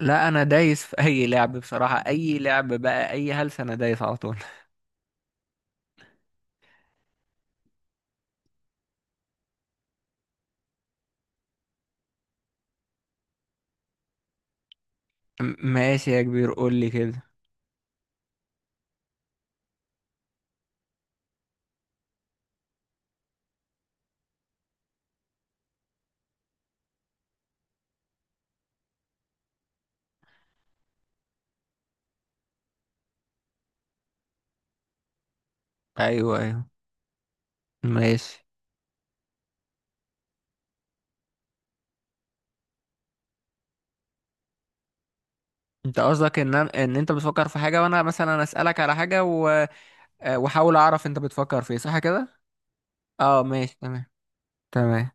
لا، انا دايس في اي لعب، بصراحة اي لعب، بقى اي هلس انا دايس على طول. ماشي يا كبير، قول لي كده. ايوه، ايوه، ماشي. انت قصدك ان ان انت بتفكر في حاجة، وانا مثلا اسألك على حاجة و واحاول اعرف انت بتفكر في ايه، صح كده؟ اه، ماشي، تمام، تمام.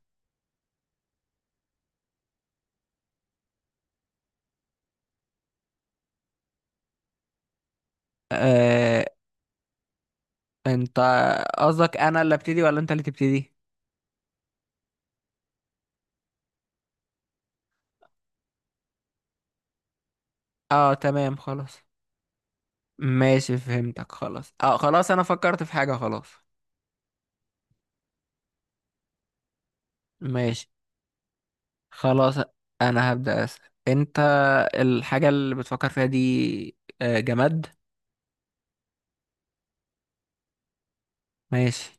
آه... انت قصدك انا اللي ابتدي ولا انت اللي تبتدي؟ اه، تمام، خلاص. ماشي، فهمتك خلاص، اه خلاص انا فكرت في حاجة خلاص. ماشي، خلاص، انا هبدأ اسأل. انت، الحاجة اللي بتفكر فيها دي جماد؟ ماشي.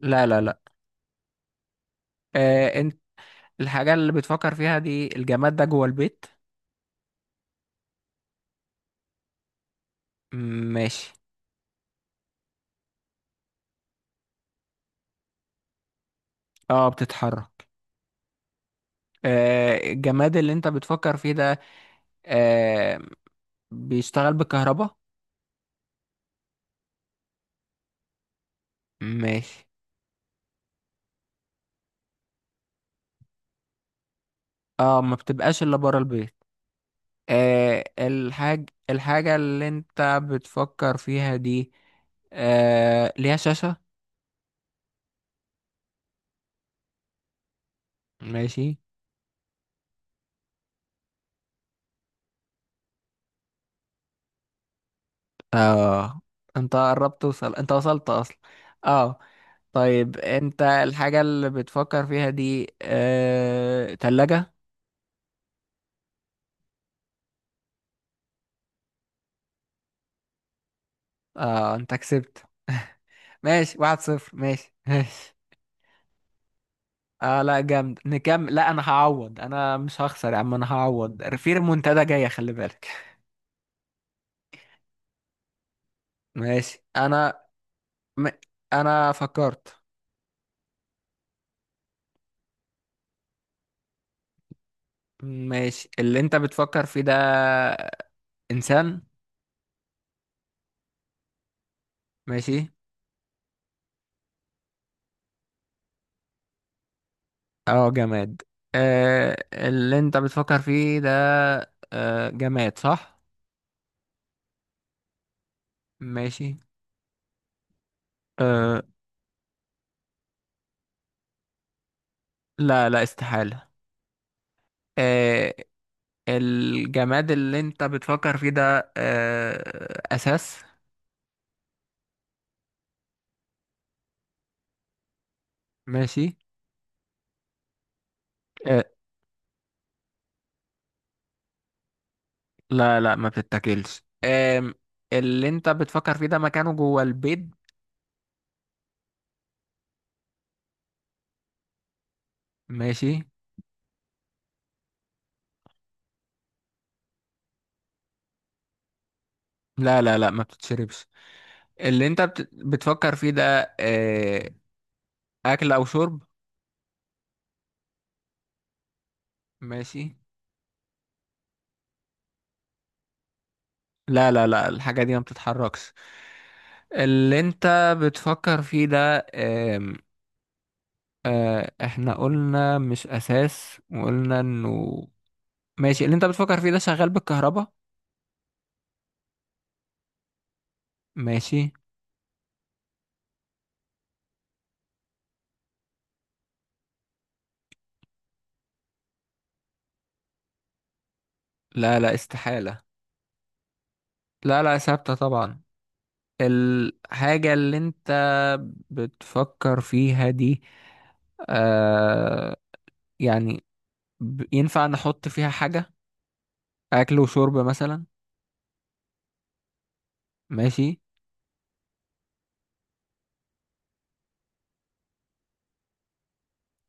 لا، لا، لا. انت، الحاجة اللي بتفكر فيها دي، الجماد ده جوه البيت؟ ماشي. اه، بتتحرك؟ الجماد اللي انت بتفكر فيه ده آه، بيشتغل بالكهرباء؟ ماشي. اه، ما بتبقاش الا بره البيت. الحاجة اللي انت بتفكر فيها دي ليها شاشة؟ ماشي. اه، انت قربت توصل، انت وصلت اصلا، اه. طيب، انت، الحاجة اللي بتفكر فيها دي تلاجة؟ اه، انت كسبت. ماشي، واحد صفر، ماشي، ماشي. اه، لا جامد، نكمل. لا انا هعوض، انا مش هخسر يا عم، انا هعوض في منتدى جاية، خلي بالك. ماشي. م... انا فكرت. ماشي. اللي انت بتفكر فيه ده انسان؟ ماشي. اه، جماد. اللي انت بتفكر فيه ده جماد، صح؟ ماشي. آه لا، لا، استحالة. آه الجماد اللي انت بتفكر فيه ده اساس؟ ماشي. آه لا، لا، ما بتتاكلش، آه. اللي انت بتفكر فيه ده مكانه جوه البيت؟ ماشي. لا، لا، لا، ما بتتشربش. اللي انت بتفكر فيه ده اكل او شرب؟ ماشي. لا، لا، لا، الحاجة دي ما بتتحركش. اللي انت بتفكر فيه ده احنا قلنا مش اساس، وقلنا انه. ماشي، اللي انت بتفكر فيه ده شغال بالكهرباء؟ ماشي. لا، لا، استحالة. لا، لا، ثابتة طبعا. الحاجة اللي انت بتفكر فيها دي آه يعني ينفع نحط فيها حاجة، اكل وشرب مثلا؟ ماشي.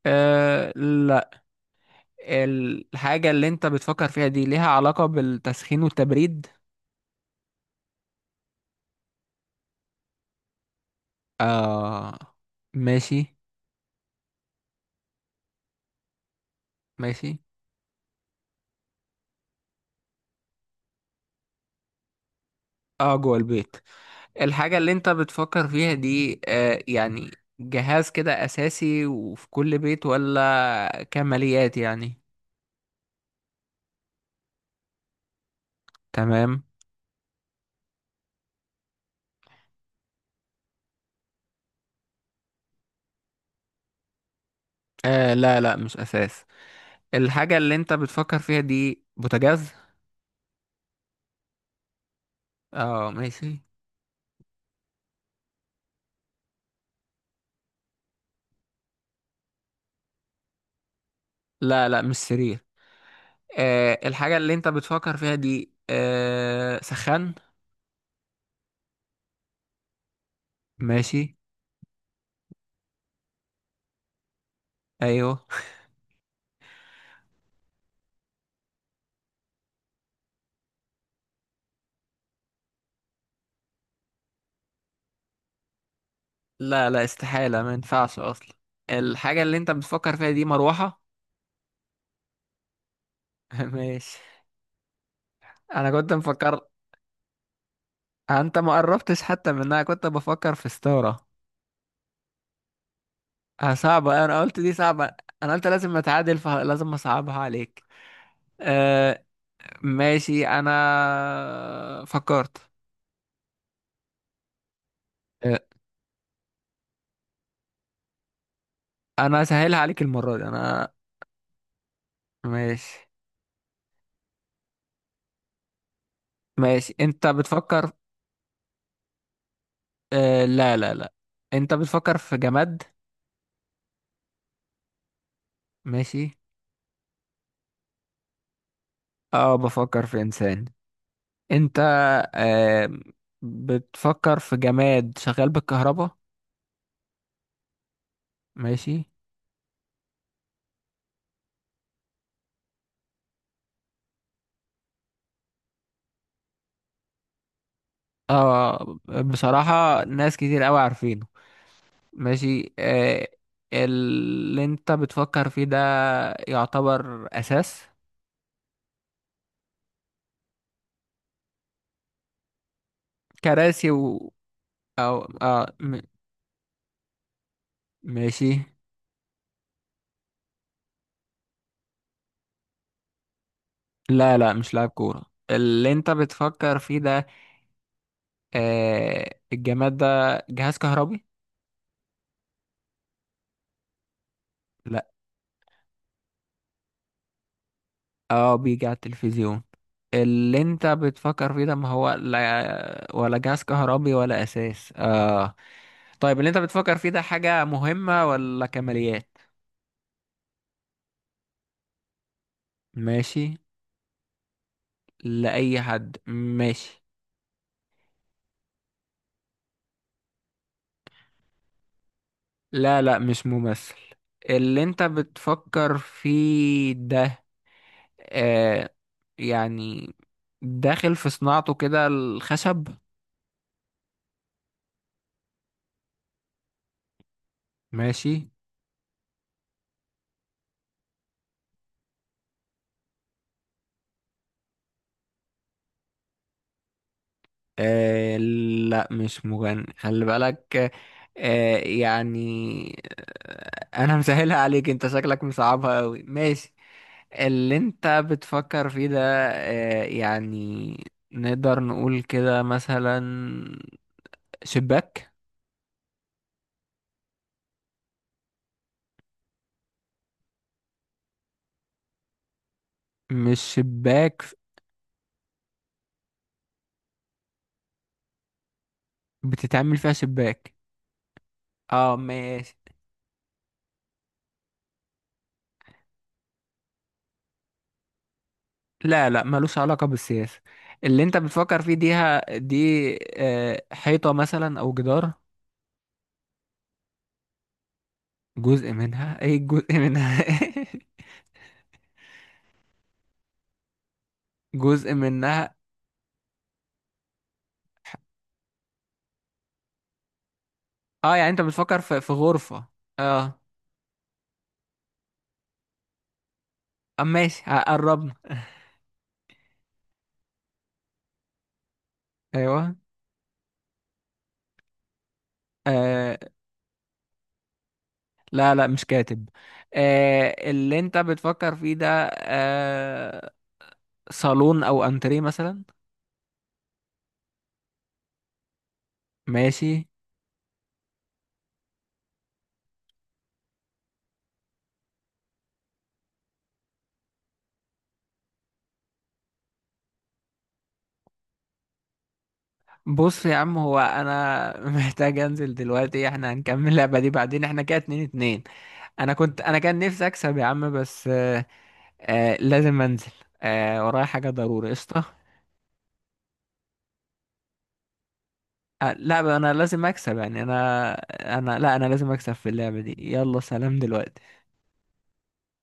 لا. الحاجة اللي انت بتفكر فيها دي ليها علاقة بالتسخين والتبريد؟ آه، ماشي. ماشي. اه، جوه البيت. الحاجة اللي انت بتفكر فيها دي يعني جهاز كده أساسي وفي كل بيت ولا كماليات يعني؟ تمام. لا، لا، مش أساس. الحاجة اللي انت بتفكر فيها دي بوتاجاز؟ اه، ماشي. لا، لا، مش سرير. الحاجة اللي انت بتفكر فيها دي سخان؟ ماشي، ايوه. لا، لا، استحالة، ما ينفعش أصلا. الحاجة اللي أنت بتفكر فيها دي مروحة؟ ماشي. أنا كنت مفكر، أنت ما قربتش حتى منها، كنت بفكر في ستارة. صعبة، أنا قلت دي صعبة. أنا قلت لازم أتعادل فلازم أصعبها عليك، أه. ماشي، أنا فكرت. أه، أنا سهلها عليك المرة دي، أنا. ماشي. ماشي، أنت بتفكر. أه، لا، لا، لا، أنت بتفكر في جماد. ماشي. أه، بفكر في إنسان. انت آه بتفكر في جماد شغال بالكهرباء؟ ماشي. اه، بصراحة ناس كتير قوي عارفينه. ماشي. اللي انت بتفكر فيه ده يعتبر اساس؟ كراسي و، او، اه، ماشي. لا، لا، مش لاعب كورة. اللي انت بتفكر فيه ده الجماد ده جهاز كهربي؟ لا، اه، بيجي على التلفزيون. اللي انت بتفكر فيه ده، ما هو لا ولا جهاز كهربي ولا اساس، اه. طيب، اللي انت بتفكر فيه ده حاجة مهمة ولا كماليات؟ ماشي. لأي حد، ماشي. لا، لا، مش ممثل. اللي انت بتفكر فيه ده آه يعني داخل في صناعته كده الخشب؟ ماشي. لا، مش مغني، خلي بالك. يعني انا مسهلها عليك، انت شكلك مصعبها قوي، ماشي. اللي انت بتفكر فيه ده يعني نقدر نقول كده مثلا شباك؟ مش شباك، بتتعمل فيها شباك، اه، ماشي. لا، لا، ملوش علاقة بالسياسة. اللي انت بتفكر فيه دي حيطة مثلا او جدار؟ جزء منها؟ ايه جزء منها؟ جزء منها، اه. يعني انت بتفكر في غرفة، اه. اه، ماشي، قربنا. ايوه. آه لا، لا، مش كاتب. اللي انت بتفكر فيه ده آه صالون او انتريه مثلا؟ ماشي. بص يا عم، هو انا محتاج انزل دلوقتي، احنا هنكمل اللعبة دي بعدين، احنا كده اتنين اتنين. انا كان نفسي اكسب يا عم، بس لازم انزل. ورايا حاجة ضروري، قشطة. لا انا لازم اكسب، يعني انا انا لا انا لازم اكسب في اللعبة دي، يلا سلام دلوقتي.